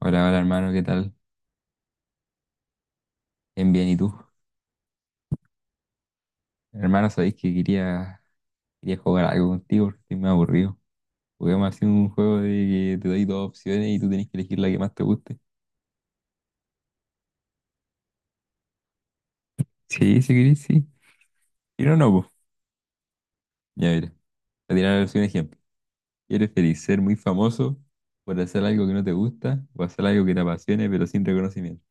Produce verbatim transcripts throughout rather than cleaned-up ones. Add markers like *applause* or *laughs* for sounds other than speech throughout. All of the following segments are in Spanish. Hola, hola hermano, ¿qué tal? Bien, bien, ¿y tú? Hermano, sabéis que quería, quería jugar algo contigo porque estoy muy aburrido. Juguemos así un juego de que te doy dos opciones y tú tenés que elegir la que más te guste. Sí, si querés, sí. Y no, no, pues. Ya mira, te diré ahora sí un ejemplo. ¿Quieres feliz ser muy famoso por hacer algo que no te gusta o hacer algo que te apasione pero sin reconocimiento?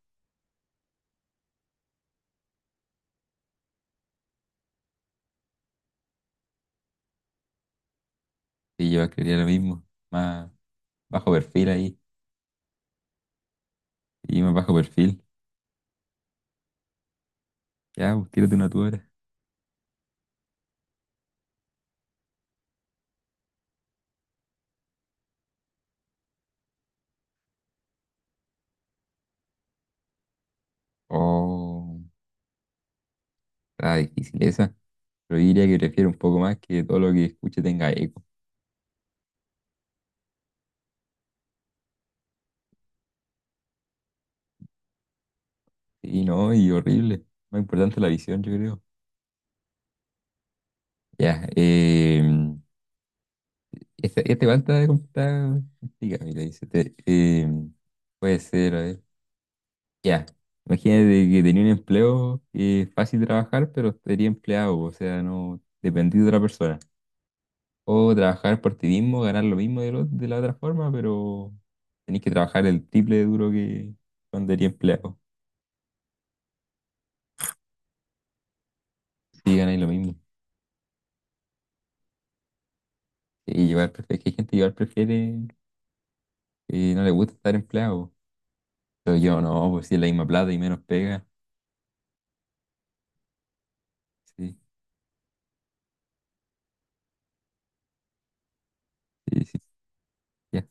Sí, yo quería lo mismo, más bajo perfil ahí, y más bajo perfil. Ya, pues tírate una tú ahora. Oh, está difícil esa. Pero yo diría que prefiero un poco más que todo lo que escuche tenga eco. Sí, no, y horrible. Más importante la visión, yo creo. Ya, eh, esta, esta igual está está complicada, mira, dice, te- eh, puede ser, a ver. Ya, imagínate que tenía un empleo que es fácil trabajar, pero sería empleado, o sea, no dependí de otra persona. O trabajar por ti mismo, ganar lo mismo de, lo- de la otra forma, pero tenés que trabajar el triple de duro que cuando eres empleado. Sí, ganáis lo mismo. Y igual prefiere, es que hay gente que igual prefiere y no le gusta estar empleado. Pero yo no, pues si es la misma plata y menos pega. Sí, sí, sí. Ya.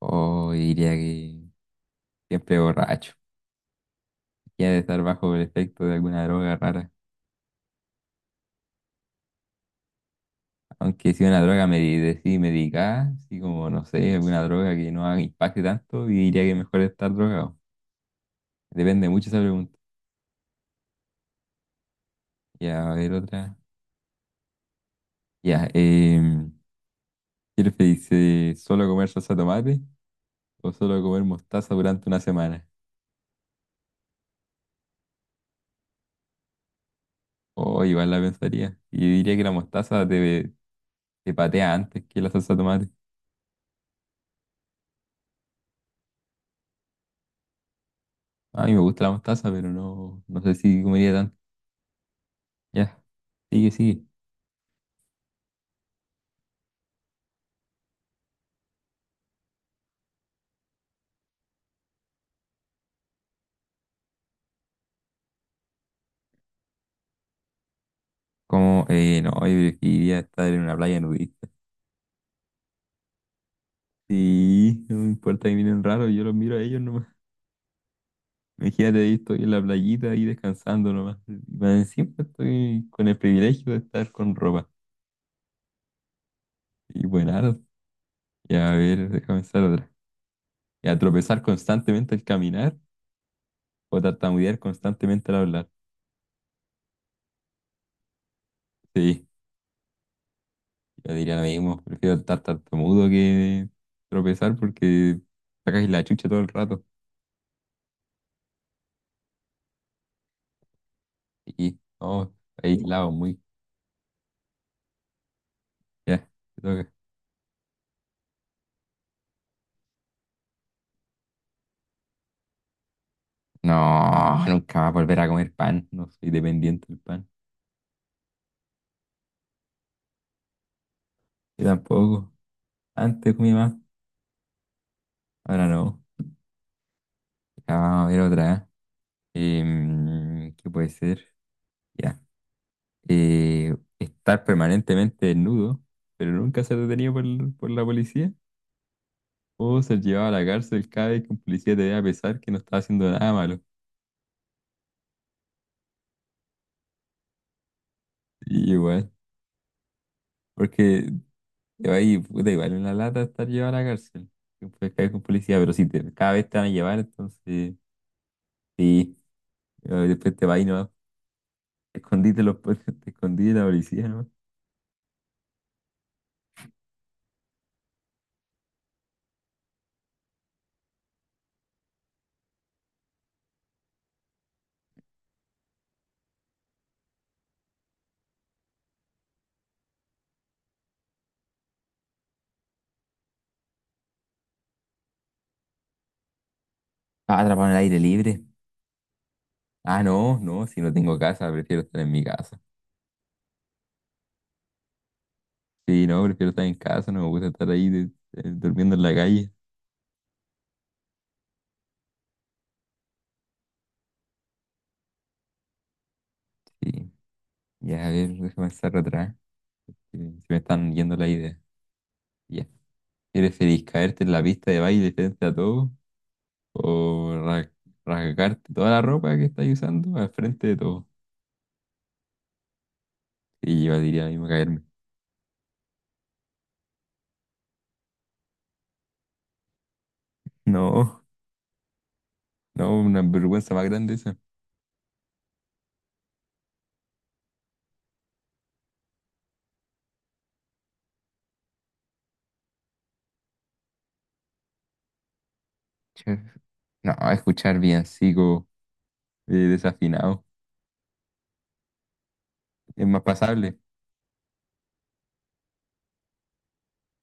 O diría que siempre borracho. Ya de estar bajo el efecto de alguna droga rara. Aunque si una droga me decidí medicada, así como no sé, alguna droga que no haga impacte tanto, y diría que mejor estar drogado. Depende mucho esa pregunta. Ya, a ver otra. Ya, eh, ¿qué dice solo comer salsa de tomate o solo comer mostaza durante una semana? Oh, igual la pensaría. Y yo diría que la mostaza te, te patea antes que la salsa de tomate. A mí me gusta la mostaza, pero no, no sé si comería tanto. Ya, sigue, sigue. Como, eh, no, yo preferiría estar en una playa nudista. Sí, no me importa que miren raro, yo los miro a ellos nomás. Imagínate, ahí estoy en la playita ahí descansando nomás. Y más encima estoy con el privilegio de estar con ropa. Y bueno, ya a ver, déjame pensar otra. Y a tropezar constantemente al caminar o tartamudear constantemente al hablar. Sí. Yo diría lo mismo, prefiero estar tartamudo que tropezar porque sacas la chucha todo el rato. Y no, aislado muy. Ya, te toca. No, nunca más volver a comer pan. No soy dependiente del pan. Yo tampoco. Antes comía más, ahora no. Ya, vamos a ver otra. Eh, ¿qué puede ser? Ya. Eh, estar permanentemente desnudo, pero nunca ser detenido por, por la policía. O ser llevado a la cárcel cada vez que un policía te vea a pesar que no está haciendo nada malo. Y igual, porque te va a ir, puta, igual en la lata estar llevado a la cárcel. Que puedes caer con policía, pero si te, cada vez te van a llevar, entonces sí, pero después te va y no. Te escondiste los, po- *laughs* te escondí de la policía, ¿no? Ah, atrapado en el aire libre. Ah, no, no, si no tengo casa, prefiero estar en mi casa. Sí, no, prefiero estar en casa, no me gusta estar ahí de- eh, durmiendo en la calle. Sí, ya, a ver, déjame estar atrás, que se me están yendo la idea. Ya, ¿prefieres caerte en la pista de baile frente a todos? O ra- rasgarte toda la ropa que estás usando al frente de todo. Y yo diría a mí me caerme. No, no, una vergüenza más grande esa. Che, no, escuchar villancico eh, desafinado. Es más pasable.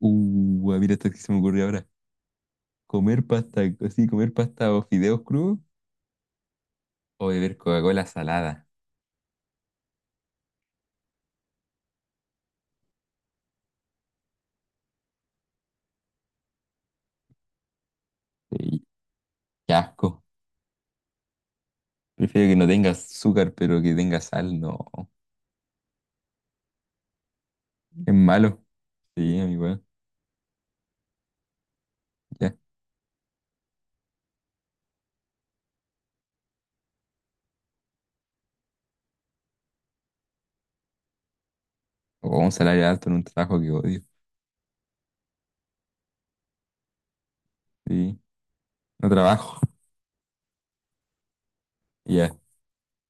Uh, ah, mira esto que se me ocurrió ahora. Comer pasta, así, comer pasta o fideos crudos o beber Coca-Cola salada. Sí, qué asco. Prefiero que no tenga azúcar, pero que tenga sal, no. Es malo. Sí, amigo, ya. O un salario alto en un trabajo que odio. Sí, no trabajo. Ya,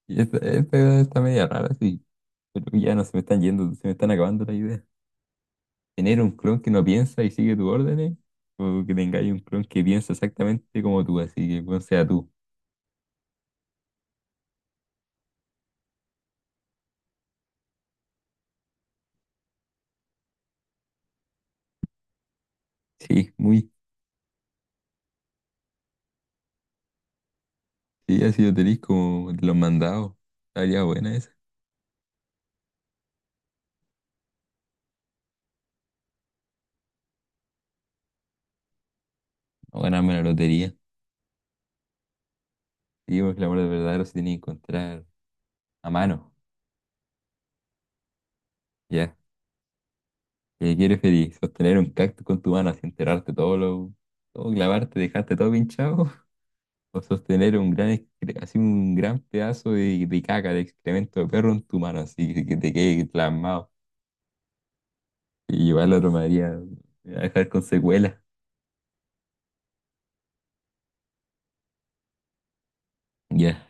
y Esta, esta está media rara, sí. Pero ya no se me están yendo, se me están acabando las ideas. ¿Tener un clon que no piensa y sigue tus órdenes? ¿O que tengáis un clon que piensa exactamente como tú, así que bueno, sea tú? Sí, muy. Sí, así lo tenéis como de los mandados. Estaría buena esa. O ganarme la lotería. Sí, porque el amor verdadero se tiene que encontrar a mano. Ya. ¿Qué quieres feliz? Sostener un cactus con tu mano así enterarte todo lo. Todo clavarte, dejarte todo pinchado. O sostener un gran, excre- así un gran pedazo de, de caca, de excremento de perro en tu mano, así que te quede plasmado. Y llevarlo a otro Madrid a dejar con secuelas. Ya.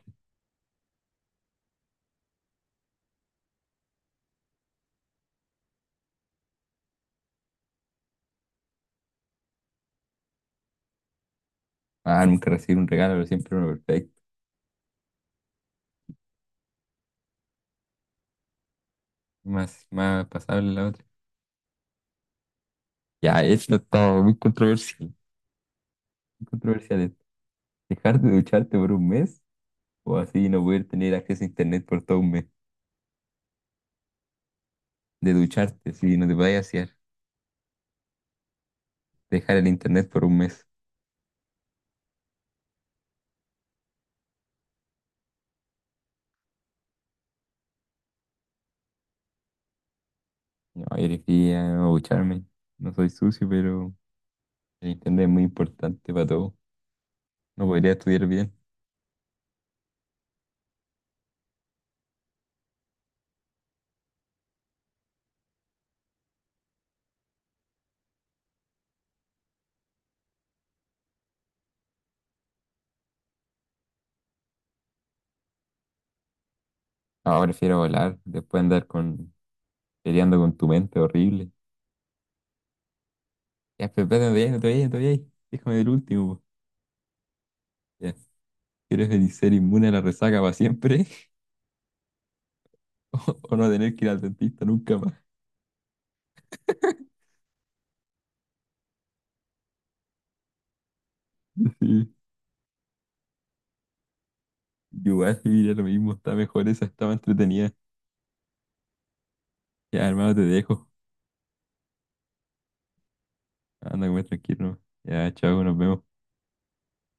Ah, nunca recibir un regalo, pero siempre uno perfecto. Más, más pasable la otra. Ya, esto está muy controversial. Muy controversial esto. Dejar de ducharte por un mes o así no poder tener acceso a internet por todo un mes. De ducharte, si no te vayas a hacer. Dejar el internet por un mes. No, yo elegiría no ducharme. No soy sucio, pero el internet es muy importante para todo. No podría estudiar bien. Ahora prefiero volar, después andar con, peleando con tu mente horrible. Ya, pero espérate, no te vayas, no te vayas, no te vayas. Déjame ver el último, po. Ya. ¿Quieres venir ser inmune a la resaca para siempre? *laughs* ¿O, o no tener que ir al dentista nunca más? *laughs* Sí. Igual, mira, lo mismo, está mejor esa, estaba entretenida. Ya, hermano, te dejo. Anda, comer tranquilo. Ya, chao, nos vemos.